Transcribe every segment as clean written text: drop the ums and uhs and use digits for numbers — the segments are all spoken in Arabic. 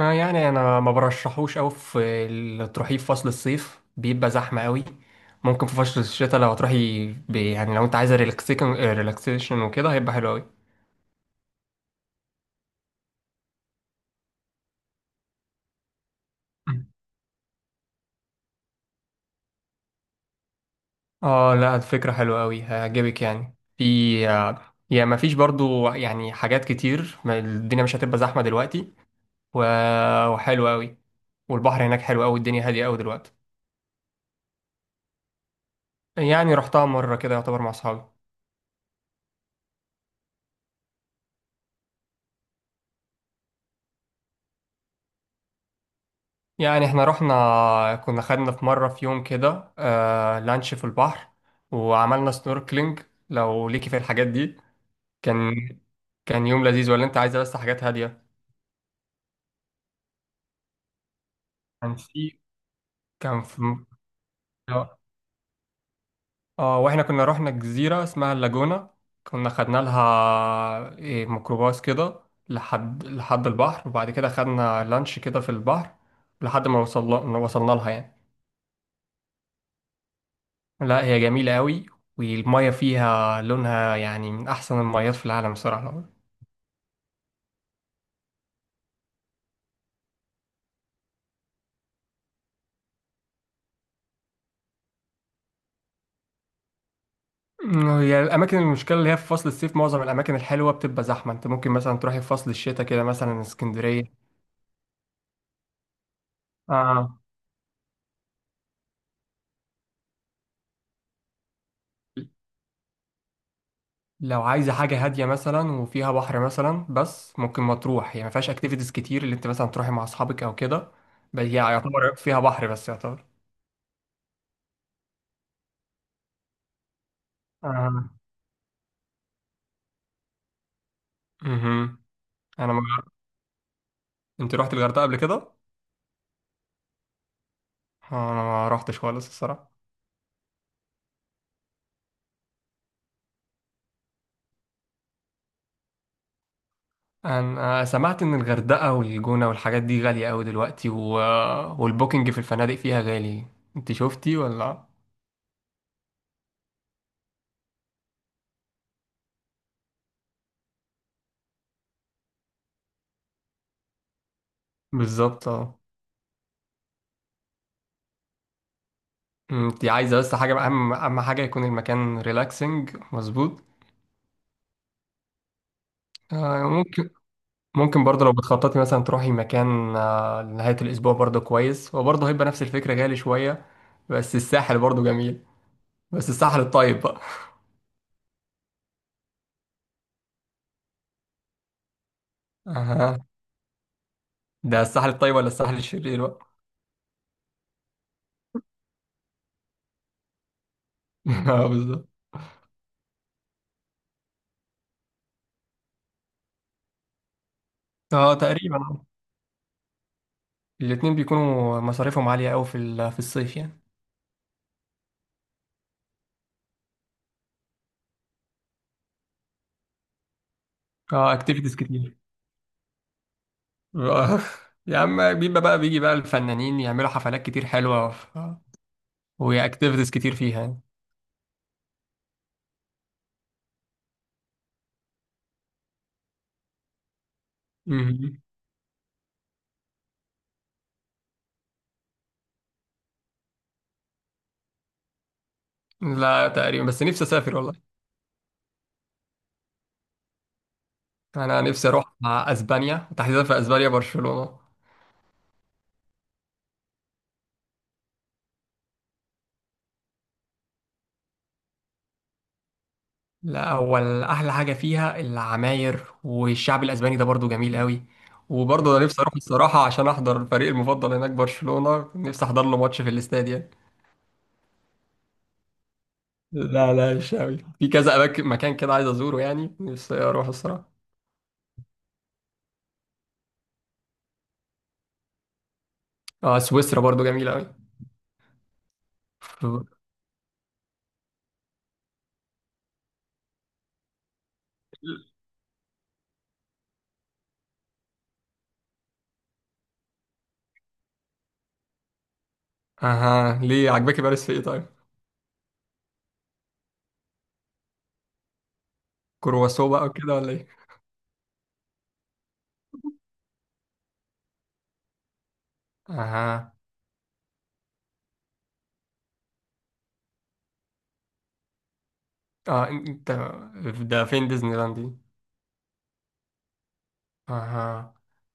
يعني انا ما برشحوش قوي في تروحيه في فصل الصيف، بيبقى زحمه قوي. ممكن في فصل الشتاء لو تروحي، يعني لو انت عايزه ريلاكسيشن ريلاكسيشن وكده، هيبقى حلو قوي. اه، لا الفكره حلوه قوي، هيعجبك يعني في آه، يا ما فيش برضو يعني حاجات كتير، ما الدنيا مش هتبقى زحمه دلوقتي. و- وحلوه قوي. والبحر هناك حلو قوي، والدنيا هاديه قوي دلوقتي. يعني رحتها مره كده يعتبر مع اصحابي. يعني احنا رحنا، كنا خدنا في مرة، في يوم كده آه لانش في البحر وعملنا سنوركلينج. لو ليكي في الحاجات دي، كان كان يوم لذيذ، ولا انت عايزة بس حاجات هادية؟ كان في كان في اه، واحنا كنا رحنا جزيرة اسمها اللاجونة. كنا خدنا لها إيه ميكروباص كده لحد البحر، وبعد كده خدنا لانش كده في البحر لحد ما وصلنا لها يعني. لا هي جميلة قوي، والمية فيها لونها يعني من أحسن الميات في العالم بصراحة. هي الأماكن، المشكلة اللي هي في فصل الصيف معظم الأماكن الحلوة بتبقى زحمة. أنت ممكن مثلا تروحي في فصل الشتاء كده، مثلا اسكندرية. آه. لو عايزة حاجة هادية مثلا وفيها بحر مثلا، بس ممكن مطروح، هي ما فيهاش أكتيفيتيز كتير اللي أنت مثلا تروحي مع أصحابك أو كده. بس هي يعتبر فيها بحر بس يعتبر. آه. مهم. أنا ما... أنت رحت الغردقة قبل كده؟ آه، أنا ما رحتش خالص الصراحة. انا سمعت ان الغردقة والجونة والحاجات دي غالية قوي دلوقتي، و... والبوكينج في الفنادق فيها غالي. انت شفتي ولا؟ بالظبط اه. انت عايزة بس حاجة، اهم حاجة يكون المكان ريلاكسنج مظبوط. آه، ممكن. ممكن برضه لو بتخططي مثلا تروحي مكان آه، لنهاية الأسبوع، برضه كويس. هو برضه هيبقى نفس الفكرة، غالي شوية، بس الساحل برضه جميل. بس الساحل الطيب بقى. أها. ده الساحل الطيب ولا الساحل الشرير بقى؟ اه بالظبط. اه تقريبا. الاتنين بيكونوا مصاريفهم عالية أوي في في الصيف يعني. اه اكتيفيتيز كتير. آه، يا عم بيبقى بقى، بيجي بقى الفنانين يعملوا حفلات كتير حلوة، وهي اكتيفيتيز كتير فيها يعني. مهم. لا تقريبا، بس نفسي أسافر والله. أنا نفسي أروح مع أسبانيا، تحديدا في أسبانيا برشلونة. لا، أول أحلى حاجة فيها العماير، والشعب الأسباني ده برضو جميل أوي. وبرضه أنا نفسي أروح الصراحة عشان أحضر الفريق المفضل هناك برشلونة، نفسي أحضر له ماتش في الاستاد يعني. لا لا، مش قوي، في كذا اماكن، مكان كده عايز ازوره يعني، نفسي اروح الصراحه. اه سويسرا برضو جميله قوي. اها، ليه عجبك باريس في ايه طيب؟ كرواسو بقى وكده ولا ايه؟ اها. اه انت. ده فين ديزني لاند دي؟ اها.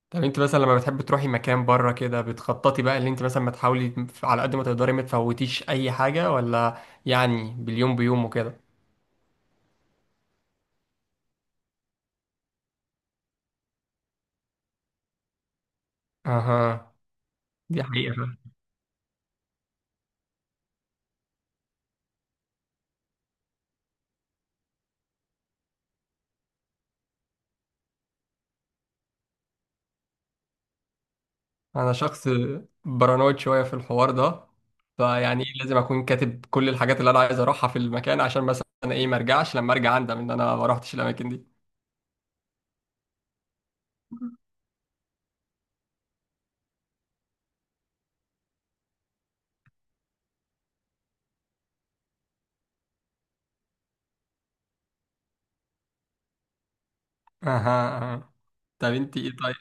طب انت مثلا لما بتحب تروحي مكان بره كده، بتخططي بقى اللي انت مثلا ما تحاولي على قد ما تقدري ما تفوتيش اي حاجه، ولا يعني باليوم بيوم وكده؟ اها. دي حقيقه. انا شخص بارانويد شويه في الحوار ده، فيعني لازم اكون كاتب كل الحاجات اللي انا عايز اروحها في المكان، عشان مثلا ايه، ما ارجعش، لما ارجع اندم ان انا ما روحتش الاماكن دي. اها. طب انت ايه طيب؟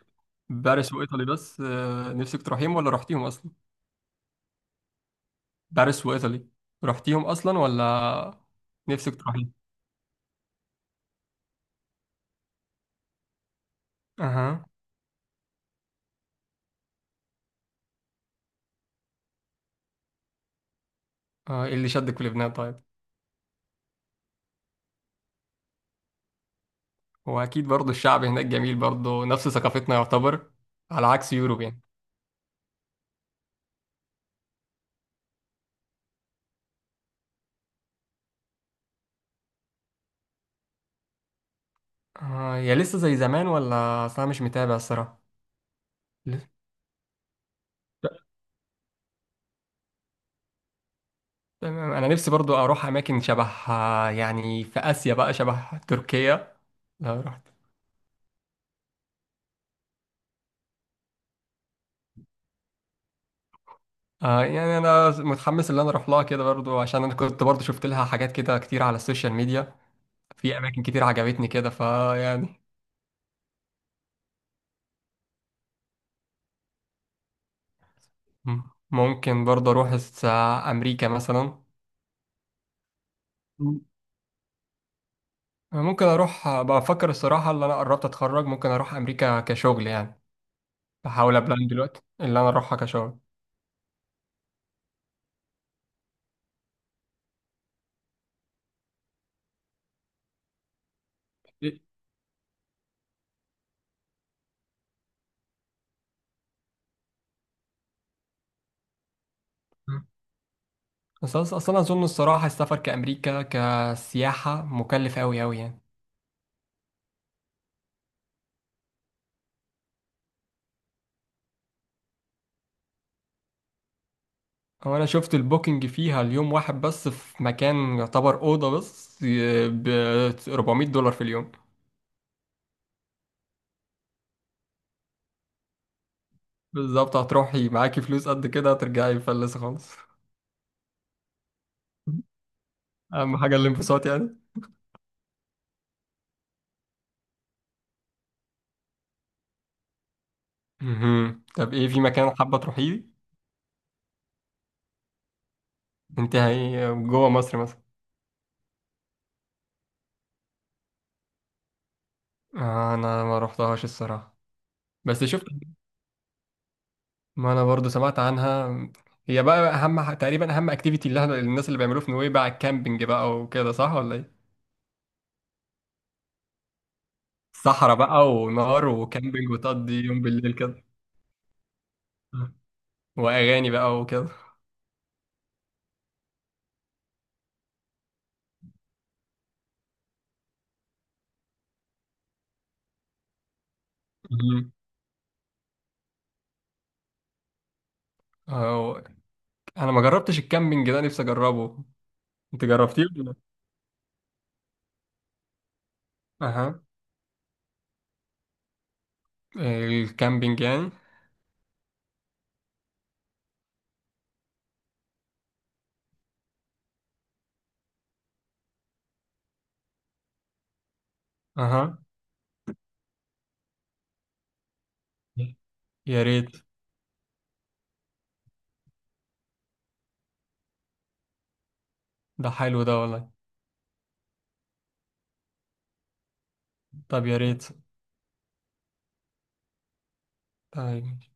باريس وايطالي بس آه، نفسك تروحيهم ولا رحتيهم اصلا؟ باريس وايطالي، رحتيهم اصلا ولا نفسك تروحيهم؟ اها. آه، ايه اللي شدك في لبنان طيب؟ هو اكيد برضه الشعب هناك جميل برضه، نفس ثقافتنا يعتبر، على عكس يوروب يعني. آه، يا لسه زي زمان، ولا اصلا مش متابع الصراحه. تمام. انا نفسي برضو اروح اماكن شبه آه، يعني في اسيا بقى، شبه تركيا لو رحت. آه، يعني انا متحمس ان انا اروح لها كده برضو، عشان انا كنت برضو شفت لها حاجات كده كتير على السوشيال ميديا. في اماكن كتير عجبتني كده فيعني. مم. ممكن برضو اروح امريكا مثلا. مم. ممكن اروح، بفكر الصراحه، اللي انا قربت اتخرج، ممكن اروح امريكا كشغل يعني. بحاول ابلان دلوقتي اللي انا اروحها كشغل. بس اصل انا اظن الصراحه السفر كامريكا كسياحه مكلف قوي قوي يعني. هو انا شفت البوكينج فيها، اليوم واحد بس في مكان يعتبر اوضه بس، ب $400 في اليوم. بالظبط، هتروحي معاكي فلوس قد كده، هترجعي مفلسه خالص. اهم حاجه الانبساط يعني. مهم. طب ايه، في مكان حابه تروحيه؟ انت هي جوه مصر مثلا؟ آه، انا ما روحتهاش الصراحه، بس شفت، ما انا برضو سمعت عنها. هي بقى اهم تقريبا اهم اكتيفيتي اللي احنا الناس اللي بيعملوه في نويبع الكامبينج بقى وكده، صح ولا ايه؟ صحراء بقى ونار وكامبينج، وتقضي يوم بالليل كده. واغاني بقى وكده. مهم. أهو، انا ما جربتش الكامبينج ده، نفسي اجربه. انت جربتيه ولا لأ؟ اها. الكامبينج يعني. اها. يا ريت. ده حلو ده والله. طب يا ريت. طيب.